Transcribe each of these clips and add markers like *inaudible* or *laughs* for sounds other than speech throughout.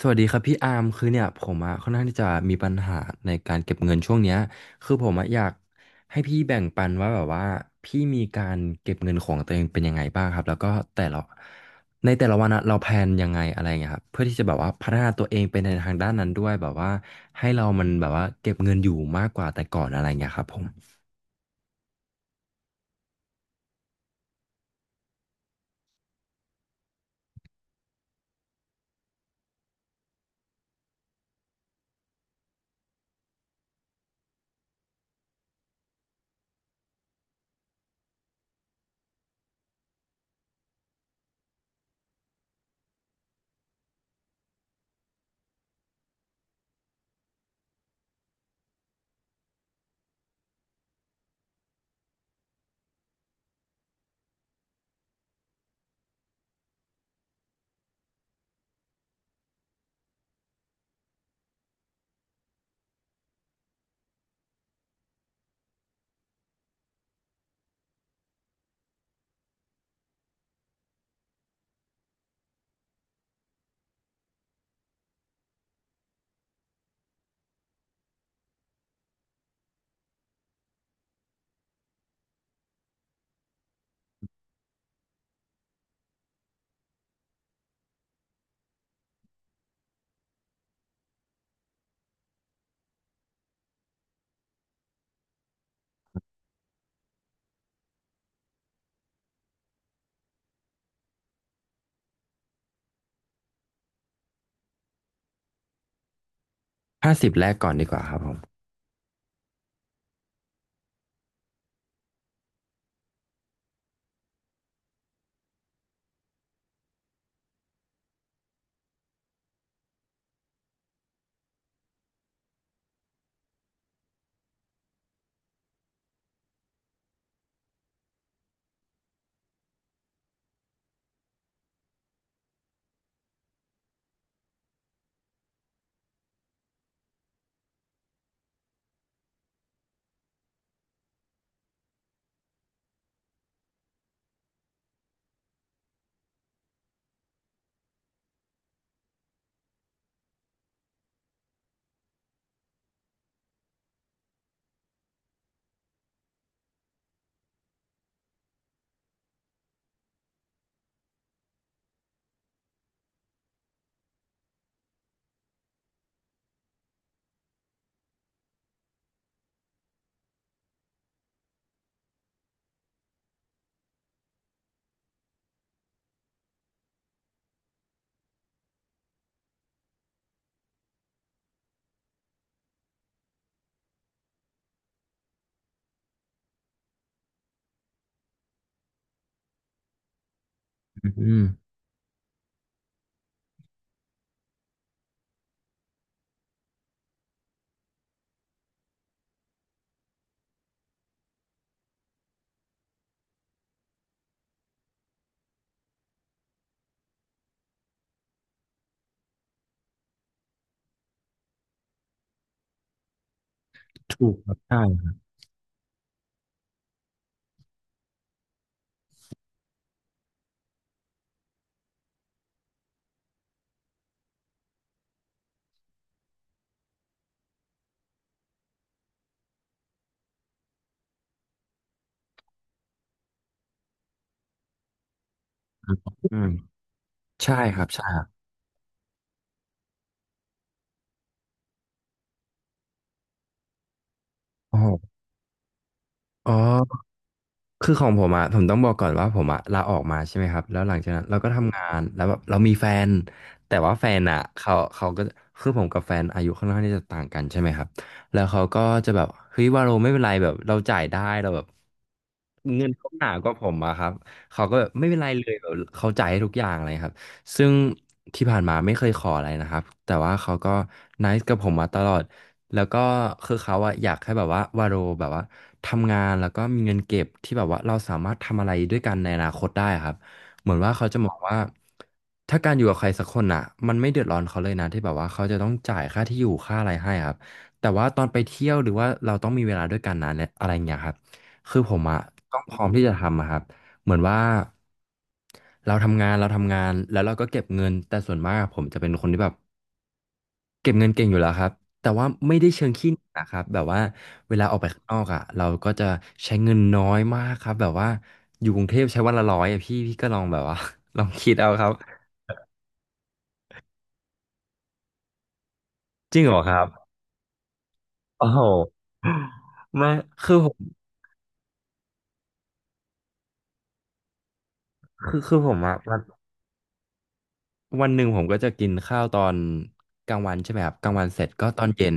สวัสดีครับพี่อาร์มคือเนี่ยผมอะค่อนข้างที่จะมีปัญหาในการเก็บเงินช่วงเนี้ยคือผมอะอยากให้พี่แบ่งปันว่าแบบว่าพี่มีการเก็บเงินของตัวเองเป็นยังไงบ้างครับแล้วก็แต่ละในแต่ละวันอะเราแพลนยังไงอะไรเงี้ยครับเพื่อที่จะแบบว่าพัฒนาตัวเองไปในทางด้านนั้นด้วยแบบว่าให้เรามันแบบว่าเก็บเงินอยู่มากกว่าแต่ก่อนอะไรเงี้ยครับผมห้าสิบแรกก่อนดีกว่าครับผมอืมถูกครับใช่ครับอืมใช่ครับใช่ครับโอ้โหอ๋อ คือของผมอะผมต้องบอกก่อนว่าผมอะลาออกมาใช่ไหมครับแล้วหลังจากนั้นเราก็ทำงานแล้วแบบเรามีแฟนแต่ว่าแฟนอะเขาก็คือผมกับแฟนอายุค่อนข้างที่จะต่างกันใช่ไหมครับแล้วเขาก็จะแบบเฮ้ยวาโลไม่เป็นไรแบบเราจ่ายได้เราแบบ เงินเขาหนากว่าผมอะครับเขาก็แบบไม่เป็นไรเลยแบบเขาจ่ายให้ทุกอย่างเลยครับซึ่งที่ผ่านมาไม่เคยขออะไรนะครับแต่ว่าเขาก็นซ์กับผมมาตลอดแล้วก็คือเขาอะอยากให้แบบว่าวาโรแบบว่าทำงานแล้วก็มีเงินเก็บที่แบบว่าเราสามารถทำอะไรด้วยกันในอนาคตได้ครับเหมือนว่าเขาจะมองว่าถ้าการอยู่กับใครสักคนอะมันไม่เดือดร้อนเขาเลยนะที่แบบว่าเขาจะต้องจ่ายค่าที่อยู่ค่าอะไรให้ครับแต่ว่าตอนไปเที่ยวหรือว่าเราต้องมีเวลาด้วยกันนะเนี่ยอะไรอย่างเงี้ยครับ คือผมอะต้องพร้อมที่จะทำอะครับเหมือนว่าเราทำงานแล้วเราก็เก็บเงินแต่ส่วนมากอะผมจะเป็นคนที่แบบเก็บเงินเก่งอยู่แล้วครับแต่ว่าไม่ได้เชิงขี้เหนียวนะครับแบบว่าเวลาออกไปข้างนอกอะเราก็จะใช้เงินน้อยมากครับแบบว่าอยู่กรุงเทพใช้วันละร้อยอะพี่ก็ลองแบบว่า *laughs* ลองคิดเอาครับจริงเหรอครับโอ้โหไม่คือผมคือผมอะมัน วันหนึ่งผมก็จะกินข้าวตอนกลางวันใช่ไหมครับกลางวันเสร็จก็ตอนเย็น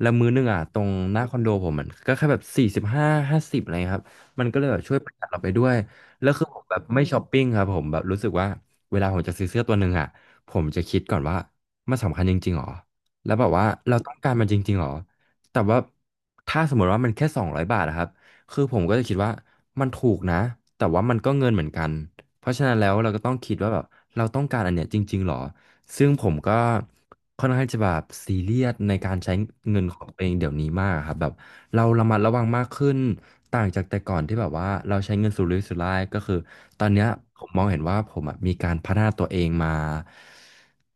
แล้วมื้อหนึงอ่ะตรงหน้าคอนโดผมมันก็แค่แบบ45ห้าสิบอะไรเงี้ยครับมันก็เลยแบบช่วยประหยัดเราไปด้วยแล้วคือผมแบบไม่ช้อปปิ้งครับผมแบบรู้สึกว่าเวลาผมจะซื้อเสื้อตัวหนึ่งอ่ะผมจะคิดก่อนว่ามันสำคัญจริงๆหรอแล้วแบบว่าเราต้องการมันจริงๆหรอแต่ว่าถ้าสมมติว่ามันแค่200 บาทอะครับคือผมก็จะคิดว่ามันถูกนะแต่ว่ามันก็เงินเหมือนกัน เพราะฉะนั้นแล้วเราก็ต้องคิดว่าแบบเราต้องการอันเนี้ยจริงๆหรอซึ่งผมก็ค่อนข้างจะแบบซีเรียสในการใช้เงินของตัวเองเดี๋ยวนี้มากครับแบบเราระมัดระวังมากขึ้นต่างจากแต่ก่อนที่แบบว่าเราใช้เงินสุรุ่ยสุร่ายก็คือตอนเนี้ยผมมองเห็นว่าผมอะมีการพัฒนาตัวเองมา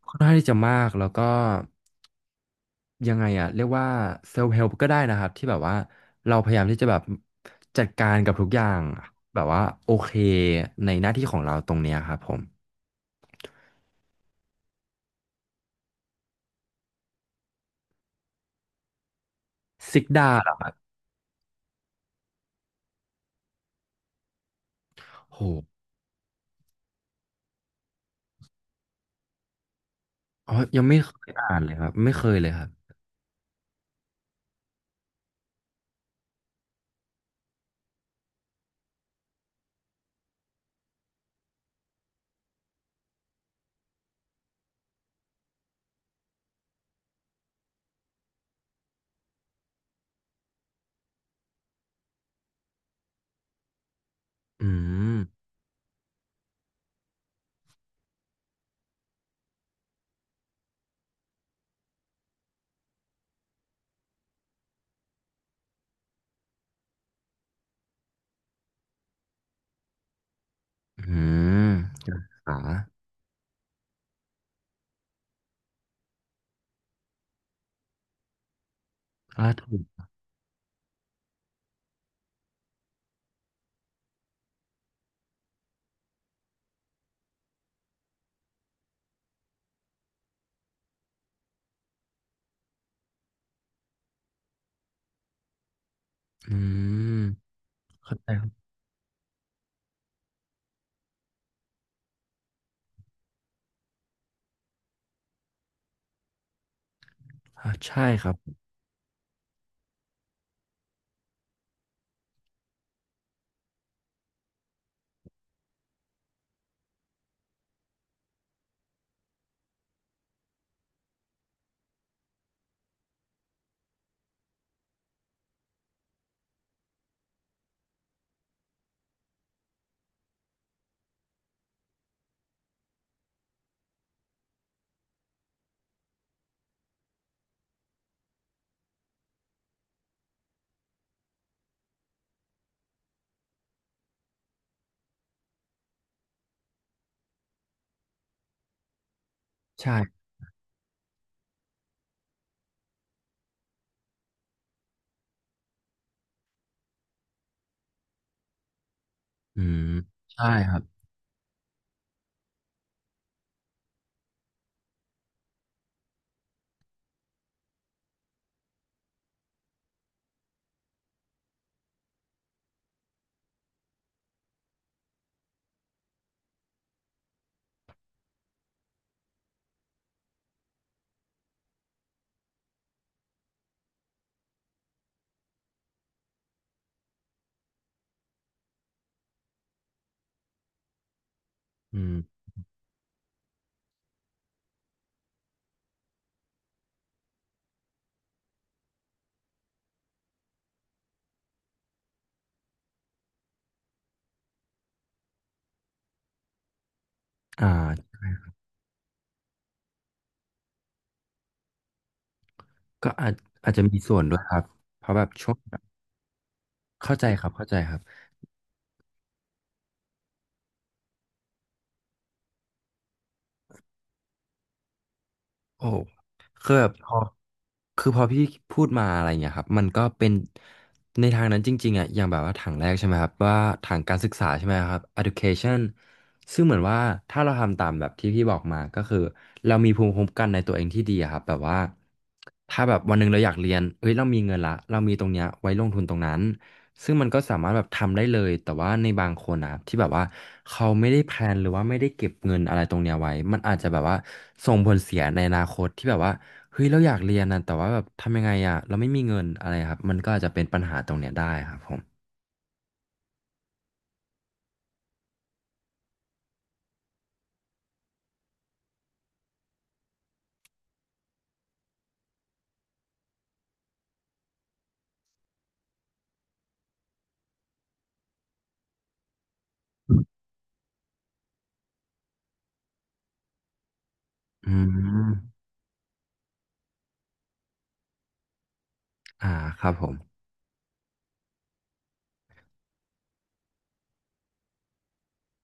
ค่อนข้างที่จะมากแล้วก็ ยังไงอะเรียกว่าเซลฟ์เฮล p ก็ได้นะครับที่แบบว่าเราพยายามที่จะแบบจัดการกับทุกอย่างแบบว่าโอเคในหน้าที่ของเราตรงเนี้ยครับผมซิกดาเหรอครับโหอ๋อยังไม่เคยอ่านเลยครับไม่เคยเลยครับอืมอืมการศึกษาล่าถุอืมเข้าใจครับอ่าใช่ครับใช่อืมใช่ครับอืมอ่าก็อาจอาจจะมีส่วนด้วยครับเพราะแบบช่วงเข้าใจครับเข้าใจครับโอ้คือแบบพอ คือพอพี่พูดมาอะไรเงี้ยครับมันก็เป็นในทางนั้นจริงๆอ่ะอย่างแบบว่าถังแรกใช่ไหมครับว่าถังการศึกษาใช่ไหมครับ education ซึ่งเหมือนว่าถ้าเราทำตามแบบที่พี่บอกมาก็คือเรามีภูมิคุ้มกันในตัวเองที่ดีอะครับแบบว่าถ้าแบบวันหนึ่งเราอยากเรียนเฮ้ยเรามีเงินละเรามีตรงเนี้ยไว้ลงทุนตรงนั้น ซึ่งมันก็สามารถแบบทำได้เลย แต่ว่าในบางคนนะัที่แบบว่าเขาไม่ได้แพลนหรือว่าไม่ได้เก็บเงินอะไรตรงเนี้ยไว้มันอาจจะแบบว่าส่งผลเสียในอนาคตที่แบบว่าเฮ้ยเราอยากเรียนนะแต่ว่าแบบทำยังไงอ่ะเราไม่มีเงินอะไรครับมันก็อาจจะเป็นปัญหาตรงเนี้ยได้ครับผมอืมอ่าครับผม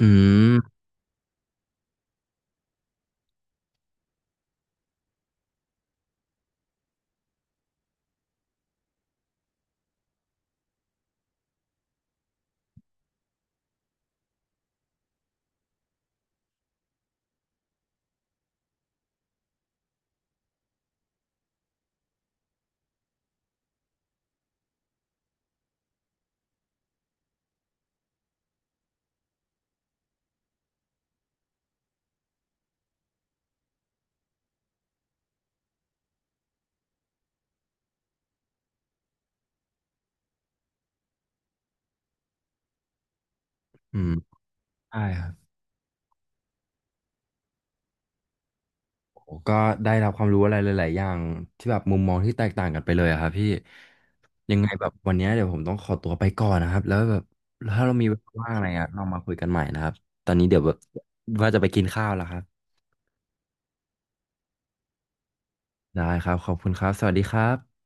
อืมอืมได้ครับ ผมก็ได้รับความรู้อะไรหลายๆอย่างที่แบบมุมมองที่แตกต่างกันไปเลยอะครับพี่ยังไงแบบวันเนี้ยเดี๋ยวผมต้องขอตัวไปก่อนนะครับแล้วแบบถ้าเรามีเวลาว่างอะไรอะเรามาคุยกันใหม่นะครับตอนนี้เดี๋ยวแบบว่าจะไปกินข้าวแล้วครับได้ครับขอบคุณครับสวัสดีครับ